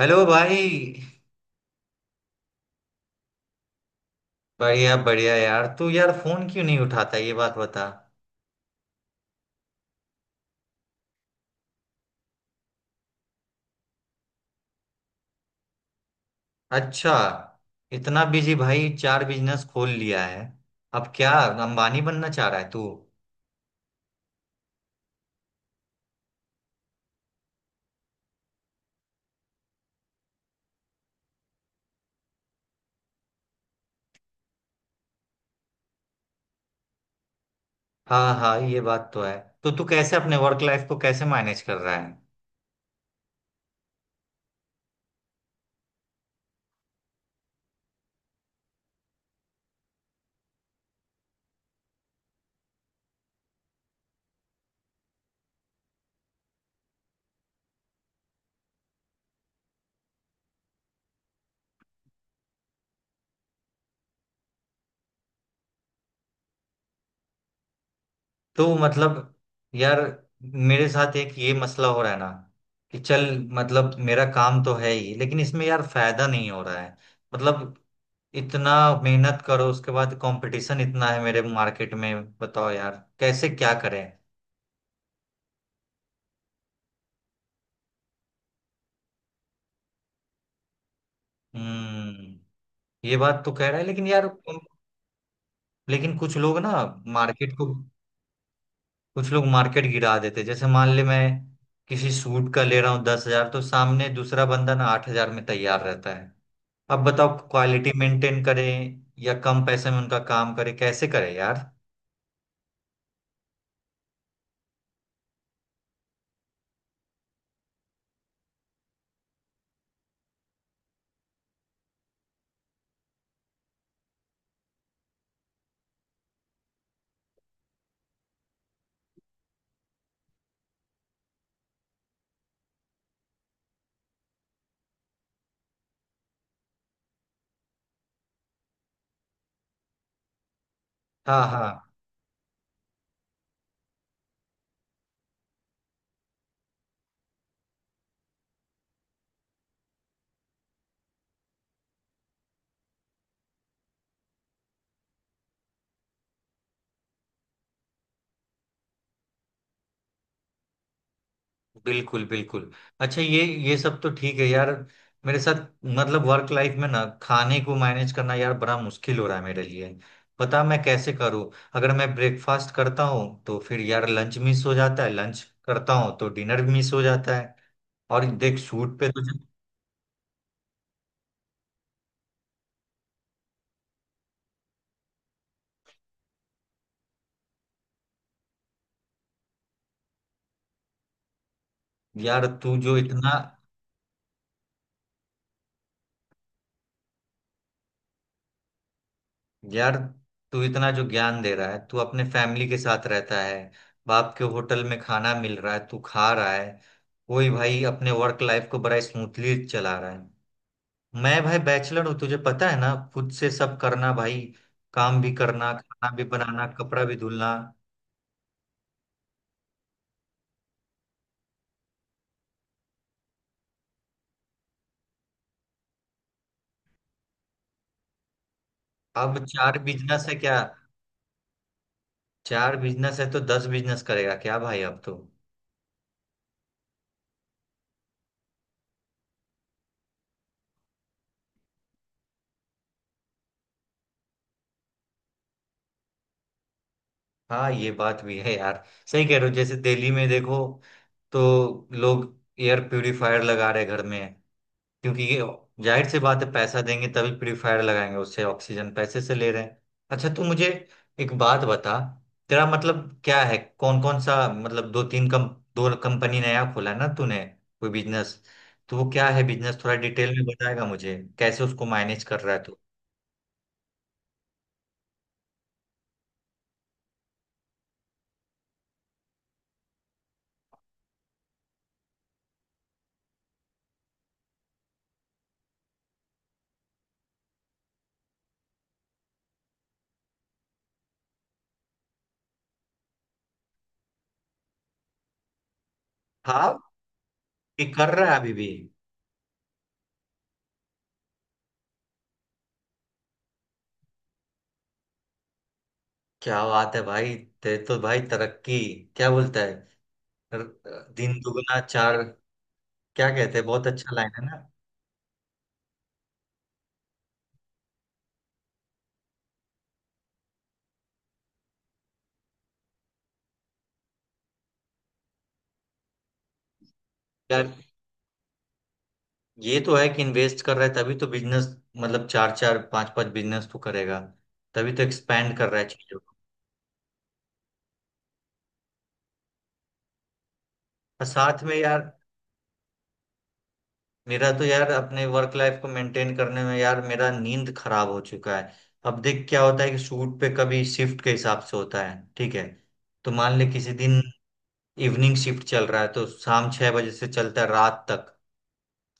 Hello भाई। बढ़िया बढ़िया यार। तू यार फोन क्यों नहीं उठाता ये बात बता। अच्छा। इतना बिजी भाई, चार बिजनेस खोल लिया है। अब क्या अंबानी बनना चाह रहा है तू? हाँ हाँ, ये बात तो है। तो तू कैसे अपने वर्क लाइफ को कैसे मैनेज कर रहा है? तो मतलब यार, मेरे साथ एक ये मसला हो रहा है ना कि चल, मतलब मेरा काम तो है ही लेकिन इसमें यार फायदा नहीं हो रहा है। मतलब इतना मेहनत करो, उसके बाद कंपटीशन इतना है मेरे मार्केट में। बताओ यार कैसे क्या करें। हम्म। ये बात तो कह रहा है लेकिन यार, लेकिन कुछ लोग ना, मार्केट को, कुछ लोग मार्केट गिरा देते। जैसे मान ले मैं किसी सूट का ले रहा हूँ 10,000, तो सामने दूसरा बंदा ना 8,000 में तैयार रहता है। अब बताओ क्वालिटी मेंटेन करें या कम पैसे में उनका काम करें, कैसे करें यार? हाँ हाँ। बिल्कुल बिल्कुल। अच्छा, ये सब तो ठीक है यार। मेरे साथ मतलब वर्क लाइफ में ना खाने को मैनेज करना यार बड़ा मुश्किल हो रहा है मेरे लिए। पता मैं कैसे करूं। अगर मैं ब्रेकफास्ट करता हूँ तो फिर यार लंच मिस हो जाता है, लंच करता हूँ तो डिनर भी मिस हो जाता है। और देख शूट पे तो यार तू जो इतना यार तू इतना जो ज्ञान दे रहा है, तू अपने फैमिली के साथ रहता है। बाप के होटल में खाना मिल रहा है तू खा रहा है। कोई भाई अपने वर्क लाइफ को बड़ा स्मूथली चला रहा है। मैं भाई बैचलर हूँ, तुझे पता है ना, खुद से सब करना भाई। काम भी करना, खाना भी बनाना, कपड़ा भी धुलना। अब चार बिजनेस है क्या? चार बिजनेस है तो दस बिजनेस करेगा क्या भाई अब तो? हाँ ये बात भी है यार। सही कह रहे हो। जैसे दिल्ली में देखो तो लोग एयर प्यूरिफायर लगा रहे घर में, क्योंकि ये जाहिर सी बात है, पैसा देंगे तभी प्यूरिफायर लगाएंगे, उससे ऑक्सीजन पैसे से ले रहे हैं। अच्छा तू मुझे एक बात बता, तेरा मतलब क्या है, कौन कौन सा, मतलब दो तीन कम, दो कंपनी नया खोला ना तूने कोई बिजनेस, तो वो क्या है बिजनेस, थोड़ा डिटेल में बताएगा मुझे कैसे उसको मैनेज कर रहा है तू? हाँ ये कर रहा है अभी भी? क्या बात है भाई। ते तो भाई तरक्की, क्या बोलता है, दिन दुगना चार, क्या कहते हैं, बहुत अच्छा लाइन है ना? यार। ये तो है कि इन्वेस्ट कर रहा है तभी तो बिजनेस, मतलब चार चार पांच पांच बिजनेस तो करेगा, तभी तो एक्सपैंड कर रहा है चीजों को। और साथ में यार, मेरा तो यार अपने वर्क लाइफ को मेंटेन करने में यार मेरा नींद खराब हो चुका है। अब देख क्या होता है कि शूट पे कभी शिफ्ट के हिसाब से होता है, ठीक है? तो मान ले किसी दिन इवनिंग शिफ्ट चल रहा है तो शाम 6 बजे से चलता है रात तक।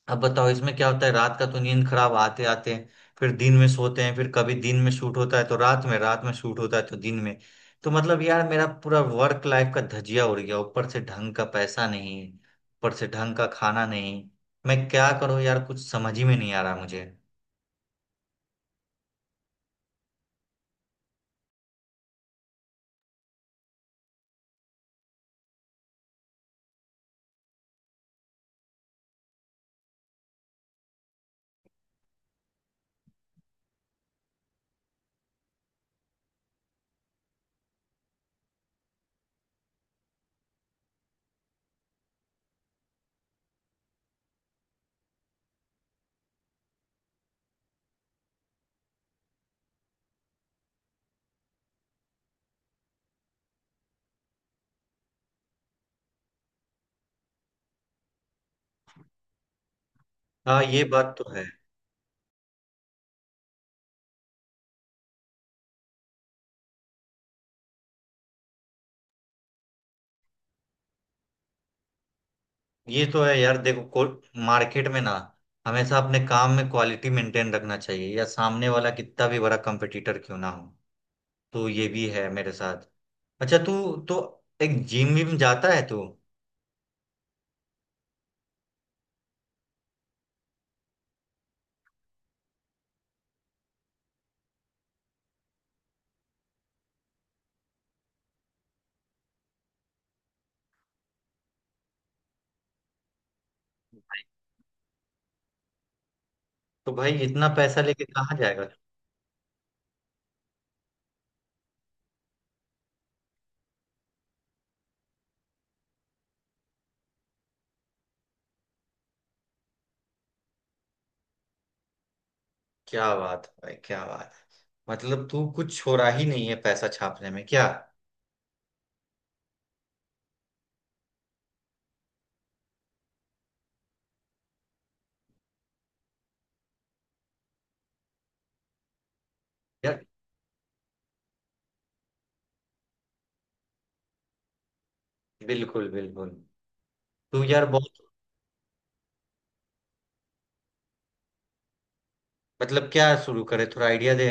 अब बताओ इसमें क्या होता है, रात का तो नींद खराब आते आते, फिर दिन में सोते हैं, फिर कभी दिन में शूट होता है तो रात में, रात में शूट होता है तो दिन में। तो मतलब यार मेरा पूरा वर्क लाइफ का धजिया उड़ गया, ऊपर से ढंग का पैसा नहीं, ऊपर से ढंग का खाना नहीं। मैं क्या करूं यार, कुछ समझ ही में नहीं आ रहा मुझे। हाँ ये बात तो है। ये तो है यार। देखो को मार्केट में ना हमेशा अपने काम में क्वालिटी मेंटेन रखना चाहिए, या सामने वाला कितना भी बड़ा कंपटीटर क्यों ना हो। तो ये भी है मेरे साथ। अच्छा तू तो एक जिम विम जाता है तू? तो भाई इतना पैसा लेके कहाँ जाएगा? क्या बात है भाई, क्या बात है। मतलब तू कुछ छोड़ा ही नहीं है पैसा छापने में क्या? यार बिल्कुल बिल्कुल। तू यार बहुत। मतलब क्या शुरू करे, थोड़ा आइडिया दे?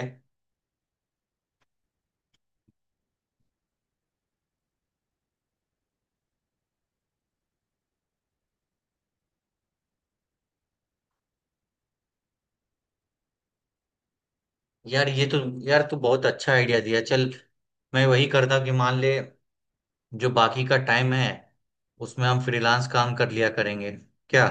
यार ये तो, यार तू बहुत अच्छा आइडिया दिया। चल मैं वही करता कि मान ले जो बाकी का टाइम है, उसमें हम फ्रीलांस काम कर लिया करेंगे, क्या?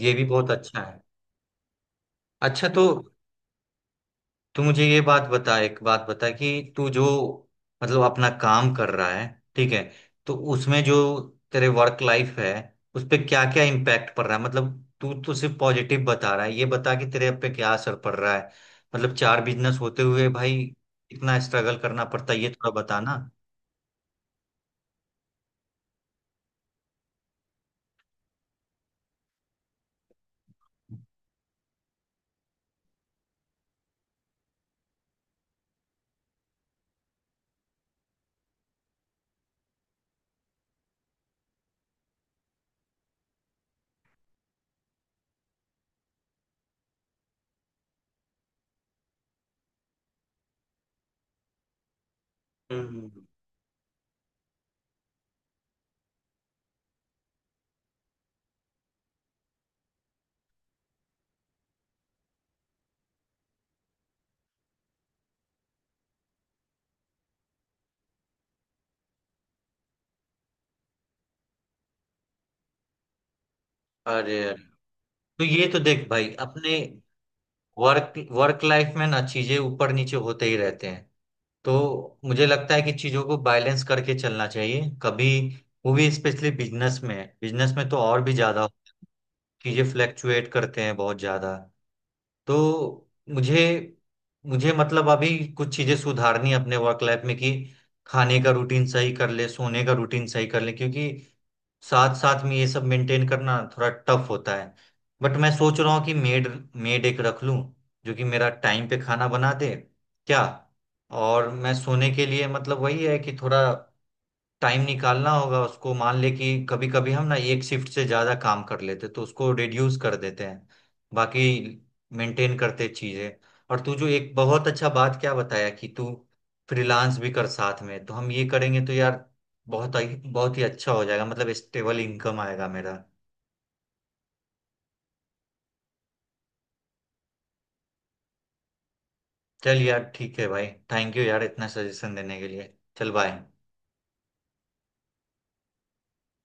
ये भी बहुत अच्छा है। अच्छा तो तू मुझे ये बात बता, एक बात बता कि तू जो, मतलब अपना काम कर रहा है, ठीक है, तो उसमें जो तेरे वर्क लाइफ है उस पे क्या क्या इम्पैक्ट पड़ रहा है, मतलब तू तो सिर्फ पॉजिटिव बता रहा है, ये बता कि तेरे पे क्या असर पड़ रहा है, मतलब चार बिजनेस होते हुए भाई इतना स्ट्रगल करना पड़ता है ये थोड़ा बताना। हम्म। अरे अरे। तो ये तो देख भाई, अपने वर्क वर्क लाइफ में ना चीजें ऊपर नीचे होते ही रहते हैं। तो मुझे लगता है कि चीजों को बैलेंस करके चलना चाहिए, कभी वो भी स्पेशली बिजनेस में, बिजनेस में तो और भी ज्यादा चीजें फ्लैक्चुएट करते हैं बहुत ज्यादा। तो मुझे मुझे मतलब अभी कुछ चीजें सुधारनी है अपने वर्क लाइफ में, कि खाने का रूटीन सही कर ले, सोने का रूटीन सही कर ले, क्योंकि साथ साथ में ये सब मेंटेन करना थोड़ा टफ होता है। बट मैं सोच रहा हूँ कि मेड मेड एक रख लूँ जो कि मेरा टाइम पे खाना बना दे, क्या? और मैं सोने के लिए मतलब वही है कि थोड़ा टाइम निकालना होगा उसको, मान ले कि कभी कभी हम ना एक शिफ्ट से ज्यादा काम कर लेते तो उसको रिड्यूस कर देते हैं। बाकी मेंटेन करते चीजें। और तू जो एक बहुत अच्छा बात क्या बताया कि तू फ्रीलांस भी कर साथ में, तो हम ये करेंगे तो यार बहुत, बहुत ही अच्छा हो जाएगा, मतलब स्टेबल इनकम आएगा मेरा। चल यार ठीक है भाई। थैंक यू यार इतना सजेशन देने के लिए, चल बाय।